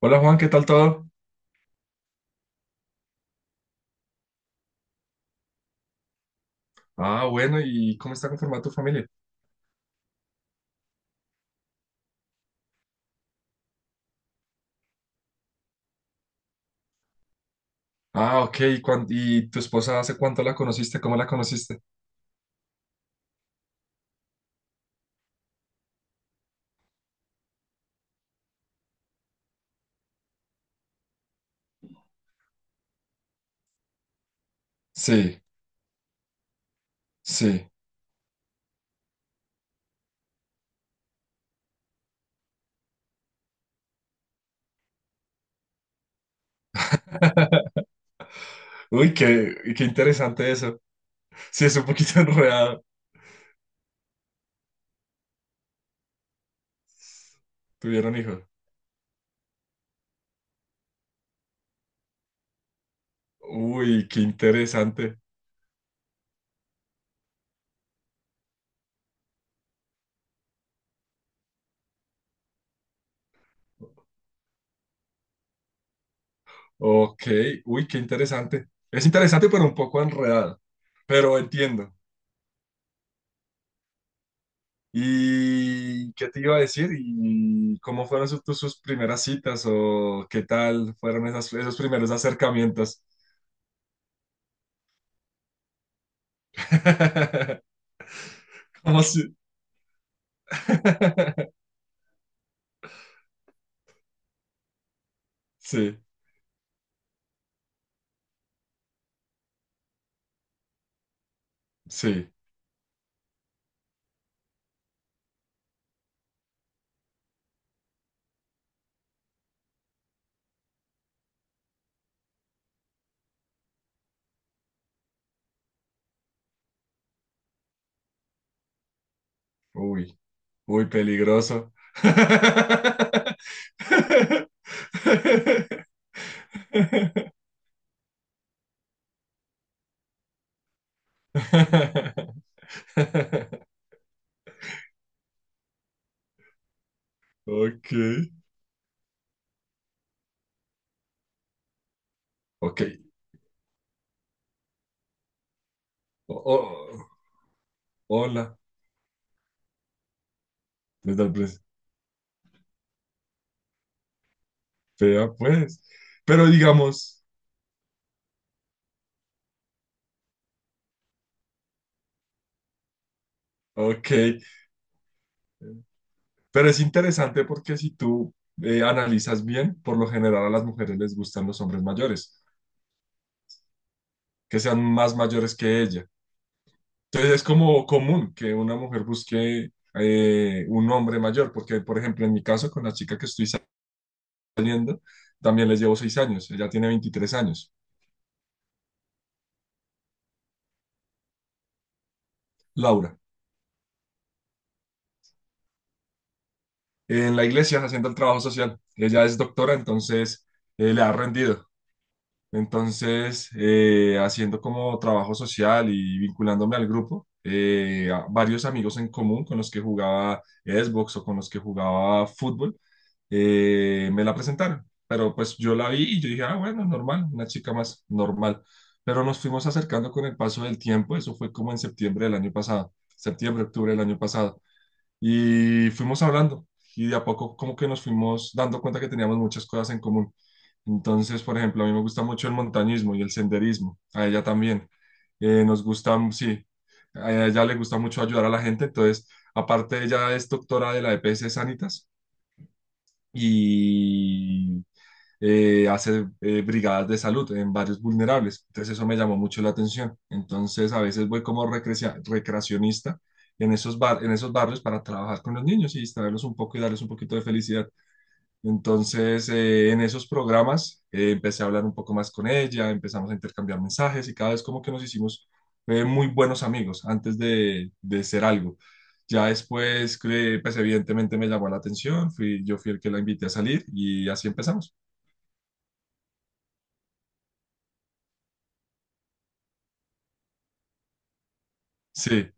Hola Juan, ¿qué tal todo? Ah, bueno, ¿y cómo está conformada tu familia? Ah, ok, ¿y, y tu esposa hace cuánto la conociste? ¿Cómo la conociste? Sí, sí. Uy, qué interesante eso. Sí, es un poquito enredado. ¿Tuvieron hijos? Uy, qué interesante. Ok, uy, qué interesante. Es interesante, pero un poco enredado. Pero entiendo. ¿Y qué te iba a decir? ¿Y cómo fueron sus primeras citas o qué tal fueron esos primeros acercamientos? ¿Cómo si- Sí, sí. Uy, uy, peligroso. Ok, ok. O- o- Hola, desde el pres- vea pues. Pero digamos, ok. Pero es interesante porque si tú, analizas bien, por lo general a las mujeres les gustan los hombres mayores, que sean más mayores que ella. Entonces es como común que una mujer busque, un hombre mayor, porque por ejemplo en mi caso con la chica que estoy saliendo, también les llevo 6 años, ella tiene 23 años. Laura, en la iglesia haciendo el trabajo social, ella es doctora, entonces, le ha rendido. Entonces, haciendo como trabajo social y vinculándome al grupo, a varios amigos en común con los que jugaba Xbox o con los que jugaba fútbol, me la presentaron. Pero pues yo la vi y yo dije, ah, bueno, normal, una chica más normal. Pero nos fuimos acercando con el paso del tiempo, eso fue como en septiembre del año pasado, septiembre, octubre del año pasado. Y fuimos hablando y de a poco como que nos fuimos dando cuenta que teníamos muchas cosas en común. Entonces, por ejemplo, a mí me gusta mucho el montañismo y el senderismo, a ella también. Nos gusta, mm, sí, a ella le gusta mucho ayudar a la gente. Entonces, aparte, ella es doctora de la EPS Sanitas y, hace, brigadas de salud en varios vulnerables. Entonces eso me llamó mucho la atención. Entonces a veces voy como recreacionista en en esos barrios para trabajar con los niños y distraerlos un poco y darles un poquito de felicidad. Entonces, en esos programas, empecé a hablar un poco más con ella, empezamos a intercambiar mensajes y cada vez como que nos hicimos, muy buenos amigos antes de ser algo. Ya después, pues evidentemente me llamó la atención, yo fui el que la invité a salir y así empezamos. Sí.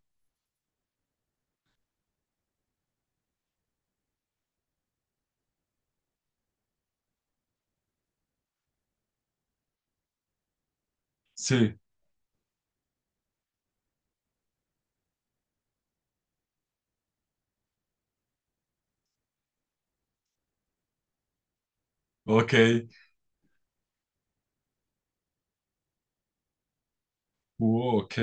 Sí, ok, ok,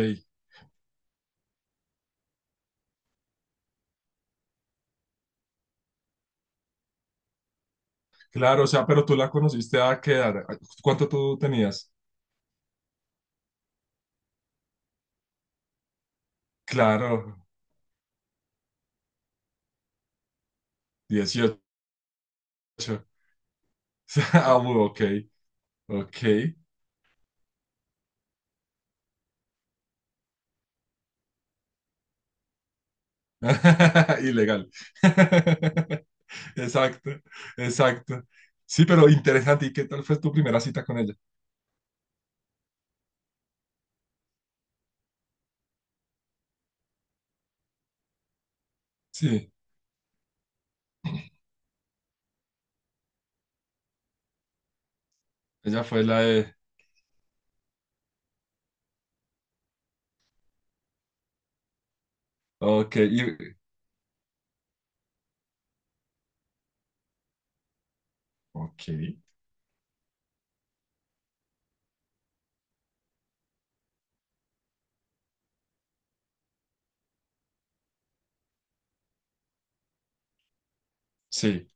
claro, o sea, pero tú la conociste a qué edad, ¿cuánto tú tenías? Claro, 18. Ok, ok, ilegal, exacto, exacto, sí, pero interesante, ¿y qué tal fue tu primera cita con ella? Sí, ella fue la de, ok, ok, sí,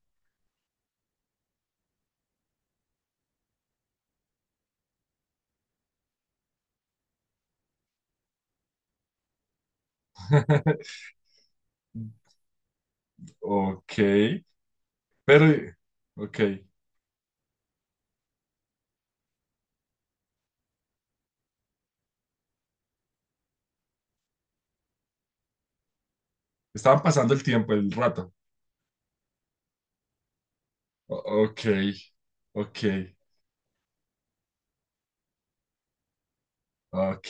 ok, pero, ok, estaban pasando el tiempo, el rato. O- Ok, ok, ok.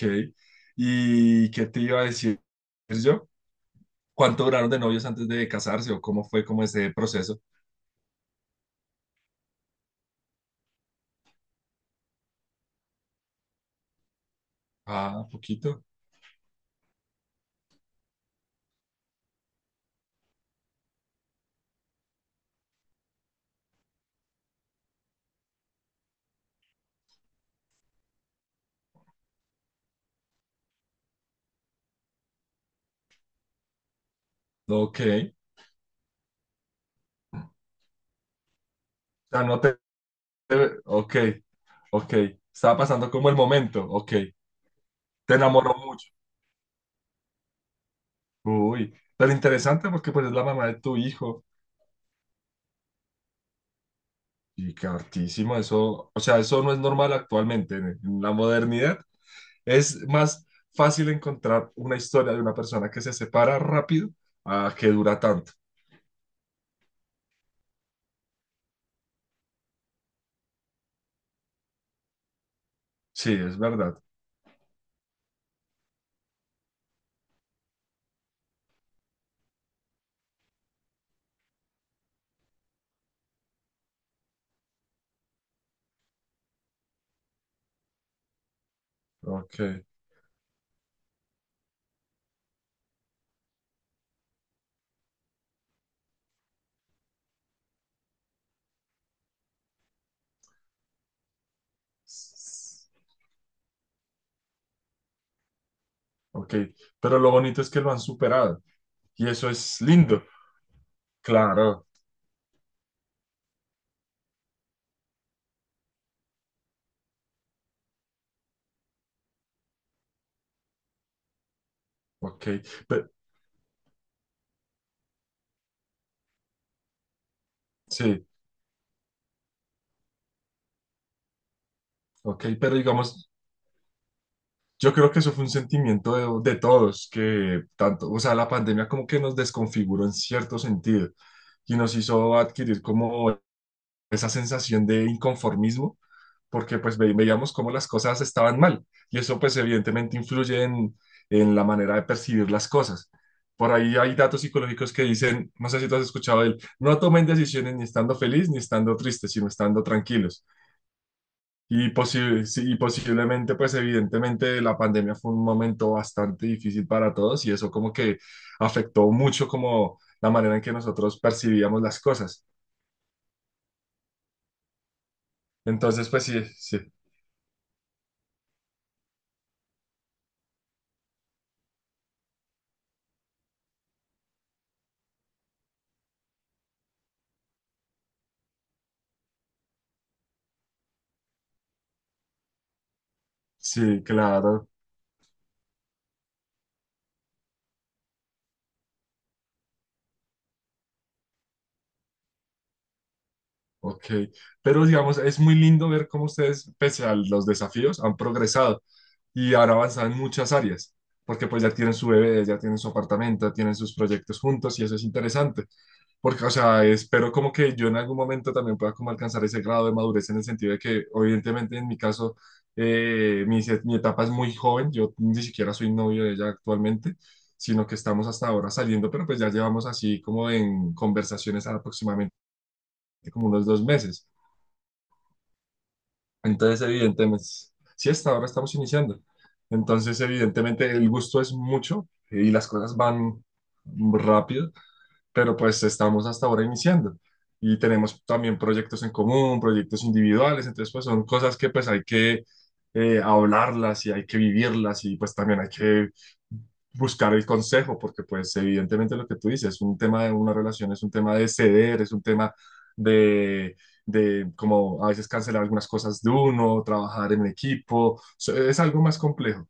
¿Y qué te iba a decir yo? ¿Cuánto duraron de novios antes de casarse o cómo fue como ese proceso? Ah, poquito. Ok. O sea, no te... Ok, ok. Estaba pasando como el momento. Ok. Te enamoró mucho. Uy, pero interesante porque pues es la mamá de tu hijo. Y que hartísimo eso. O sea, eso no es normal actualmente en la modernidad. Es más fácil encontrar una historia de una persona que se separa rápido a que dura tanto. Sí, es verdad. Ok. Ok. Pero lo bonito es que lo han superado. Y eso es lindo. Claro. Ok. Pe- sí. Ok. Pero digamos, yo creo que eso fue un sentimiento de todos, que tanto, o sea, la pandemia como que nos desconfiguró en cierto sentido y nos hizo adquirir como esa sensación de inconformismo, porque pues veíamos cómo las cosas estaban mal y eso pues evidentemente influye en la manera de percibir las cosas. Por ahí hay datos psicológicos que dicen, no sé si tú has escuchado de él, no tomen decisiones ni estando feliz ni estando triste, sino estando tranquilos. Sí, y posiblemente, pues evidentemente la pandemia fue un momento bastante difícil para todos y eso como que afectó mucho como la manera en que nosotros percibíamos las cosas. Entonces, pues sí, sí. Sí, claro, ok. Pero digamos, es muy lindo ver cómo ustedes, pese a los desafíos, han progresado y han avanzado en muchas áreas, porque pues ya tienen su bebé, ya tienen su apartamento, tienen sus proyectos juntos y eso es interesante, porque, o sea, espero como que yo en algún momento también pueda como alcanzar ese grado de madurez en el sentido de que, evidentemente, en mi caso, mi etapa es muy joven, yo ni siquiera soy novio de ella actualmente, sino que estamos hasta ahora saliendo, pero pues ya llevamos así como en conversaciones aproximadamente como unos 2 meses. Entonces, evidentemente, sí, hasta ahora estamos iniciando. Entonces, evidentemente, el gusto es mucho y las cosas van rápido, pero pues estamos hasta ahora iniciando y tenemos también proyectos en común, proyectos individuales, entonces pues son cosas que pues hay que, hablarlas y hay que vivirlas y pues también hay que buscar el consejo, porque pues evidentemente lo que tú dices, es un tema de una relación, es un tema de ceder, es un tema de, de como a veces cancelar algunas cosas de uno, trabajar en equipo, es algo más complejo.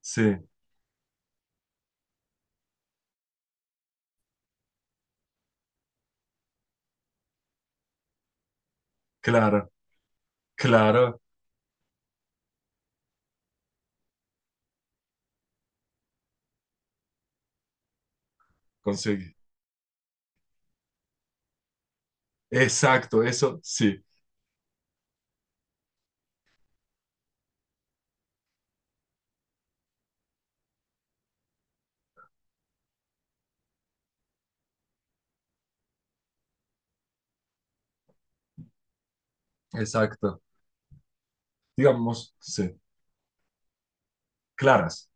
Sí, claro, claro, conseguí. Exacto, eso, sí. Exacto. Digamos, sí. Claras.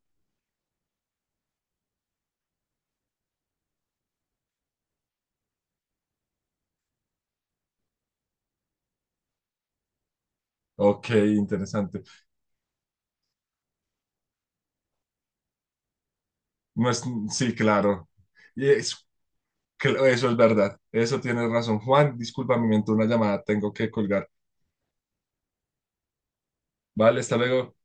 Ok, interesante. No es, sí, claro. Y es- Eso es verdad. Eso tienes razón. Juan, disculpa, me entró una llamada. Tengo que colgar. Vale, hasta luego.